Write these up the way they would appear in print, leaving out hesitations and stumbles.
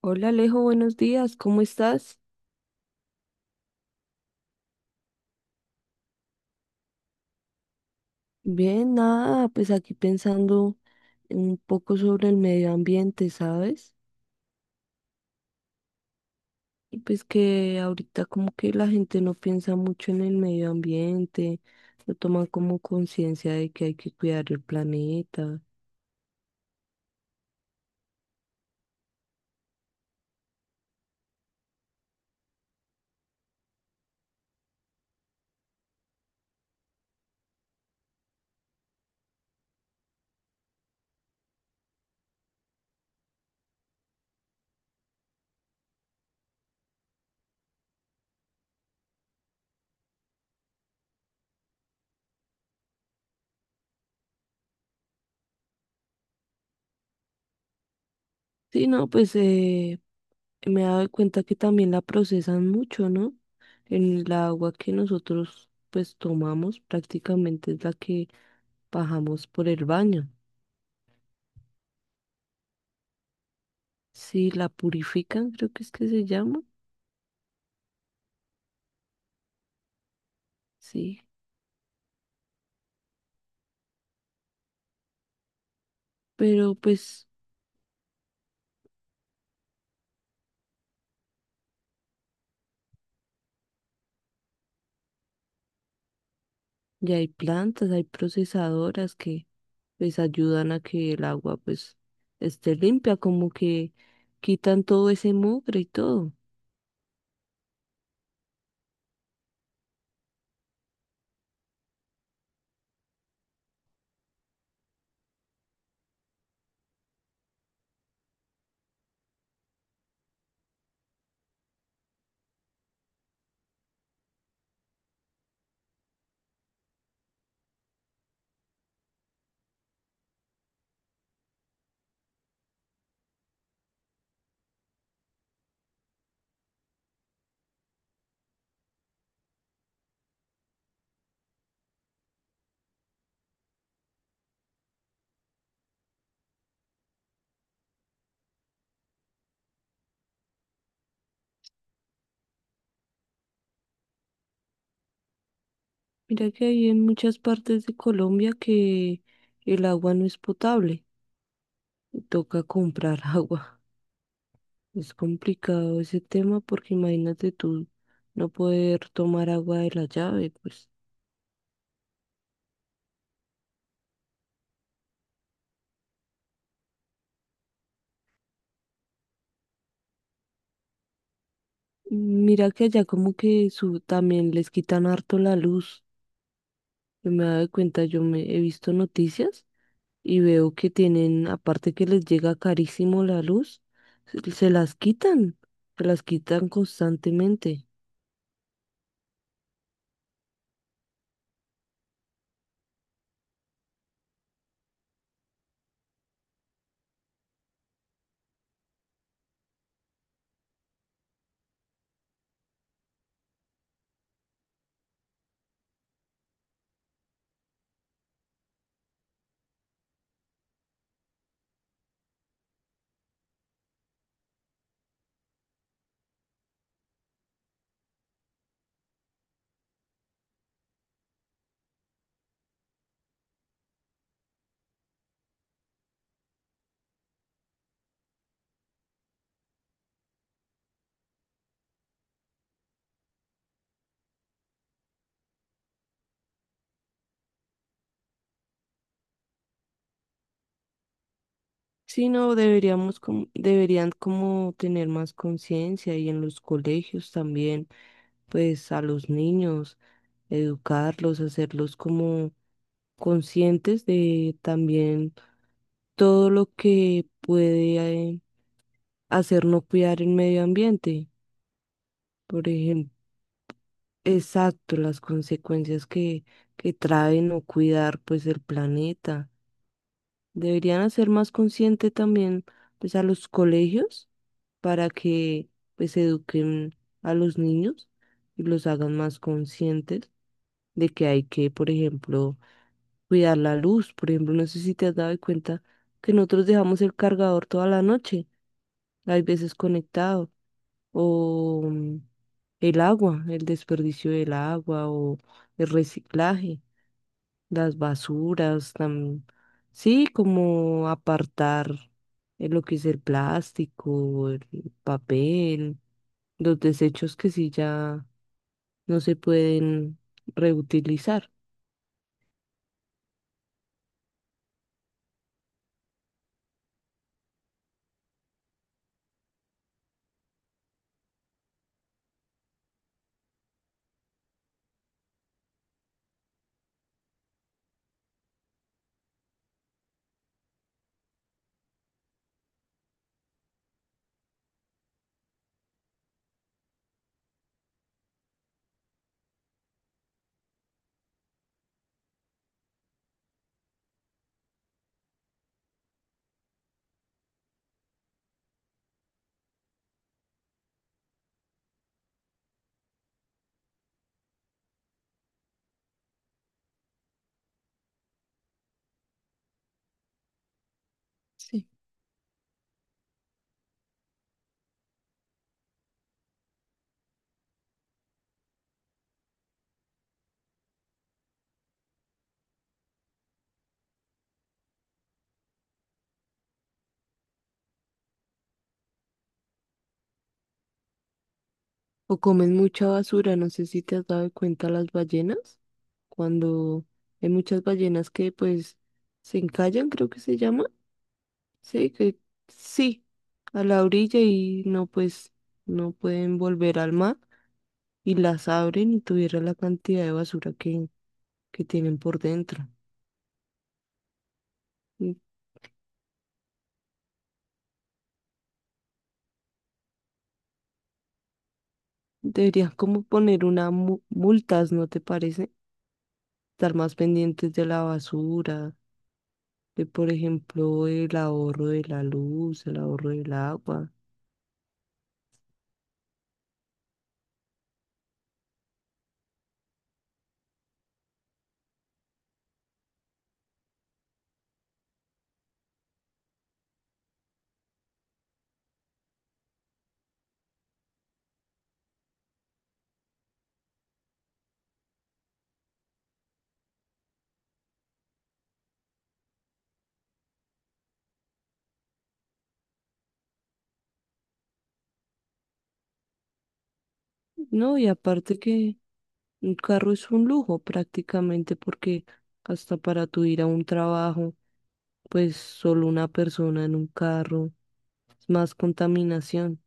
Hola Alejo, buenos días, ¿cómo estás? Bien, nada, pues aquí pensando un poco sobre el medio ambiente, ¿sabes? Y pues que ahorita como que la gente no piensa mucho en el medio ambiente, no toman como conciencia de que hay que cuidar el planeta. Sí, no, pues me he dado cuenta que también la procesan mucho, ¿no? En el agua que nosotros pues tomamos prácticamente es la que bajamos por el baño. Sí, la purifican, creo que es que se llama. Sí, pero pues ya hay plantas, hay procesadoras que pues ayudan a que el agua pues esté limpia, como que quitan todo ese mugre y todo. Mira que hay en muchas partes de Colombia que el agua no es potable y toca comprar agua. Es complicado ese tema porque imagínate tú no poder tomar agua de la llave, pues. Mira que allá como que su, también les quitan harto la luz. Yo me he dado cuenta, yo me he visto noticias y veo que tienen, aparte que les llega carísimo la luz, se las quitan, se las quitan constantemente. Sí, no, deberíamos como, deberían como tener más conciencia y en los colegios también, pues a los niños, educarlos, hacerlos como conscientes de también todo lo que puede hacer no cuidar el medio ambiente. Por ejemplo, exacto, las consecuencias que trae no cuidar pues el planeta. Deberían hacer más consciente también pues a los colegios para que pues eduquen a los niños y los hagan más conscientes de que hay que, por ejemplo, cuidar la luz. Por ejemplo, no sé si te has dado cuenta que nosotros dejamos el cargador toda la noche, hay veces conectado, o el agua, el desperdicio del agua o el reciclaje, las basuras, sí, como apartar lo que es el plástico, el papel, los desechos que sí ya no se pueden reutilizar. Sí. O comen mucha basura, no sé si te has dado cuenta las ballenas, cuando hay muchas ballenas que pues se encallan, creo que se llama. Sí, que sí, a la orilla y no, pues no pueden volver al mar y las abren y tuviera la cantidad de basura que tienen por dentro. Y Deberían como poner una multas, ¿no te parece? Estar más pendientes de la basura, de por ejemplo el ahorro de la luz, el ahorro del agua. No, y aparte que un carro es un lujo prácticamente porque hasta para tu ir a un trabajo pues solo una persona en un carro, es más contaminación.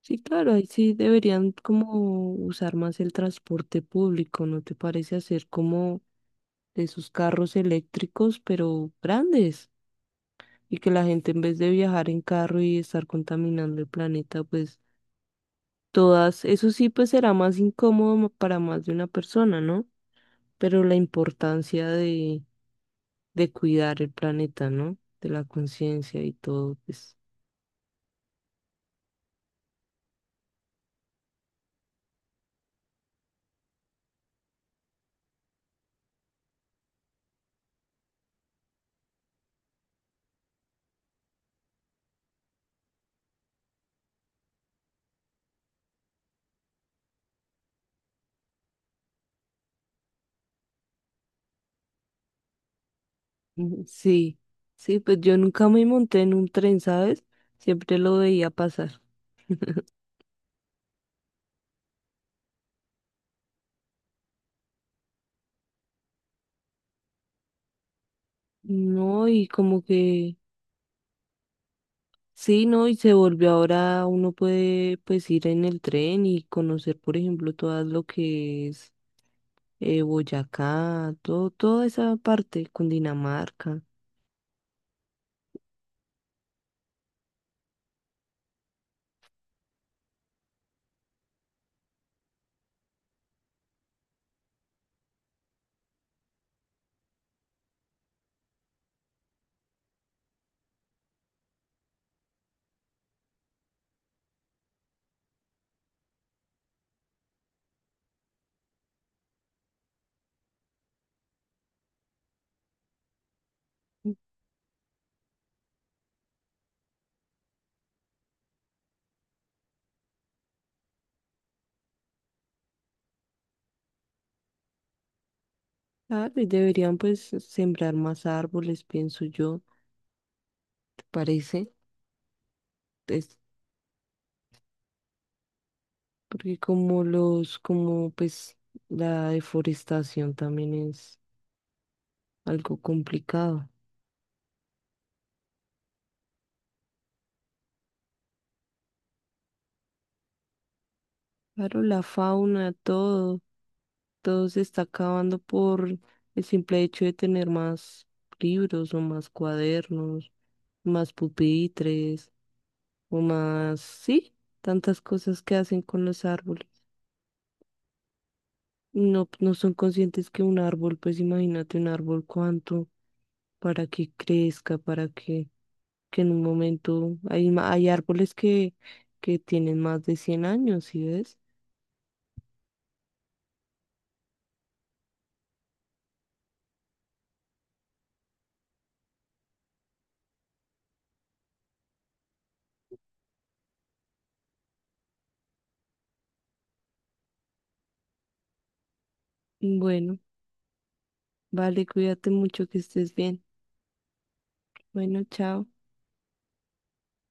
Sí, claro, ahí sí deberían como usar más el transporte público, ¿no te parece hacer como de esos carros eléctricos, pero grandes? Y que la gente en vez de viajar en carro y estar contaminando el planeta, pues todas, eso sí, pues será más incómodo para más de una persona, ¿no? Pero la importancia de cuidar el planeta, ¿no? De la conciencia y todo, pues. Ujú, sí, sí, pues yo nunca me monté en un tren, ¿sabes? Siempre lo veía pasar. No, y como que, sí, no, y se volvió ahora, uno puede pues ir en el tren y conocer, por ejemplo, todas lo que es Boyacá, todo, toda esa parte, Cundinamarca. Claro, y deberían pues sembrar más árboles, pienso yo, ¿te parece? Es porque como los, como pues la deforestación también es algo complicado. Claro, la fauna, todo, todo se está acabando por el simple hecho de tener más libros o más cuadernos, más pupitres o más, sí, tantas cosas que hacen con los árboles. No, no son conscientes que un árbol, pues imagínate un árbol cuánto para que crezca, para que en un momento hay, hay árboles que tienen más de 100 años, ¿sí ves? Bueno, vale, cuídate mucho, que estés bien. Bueno, chao.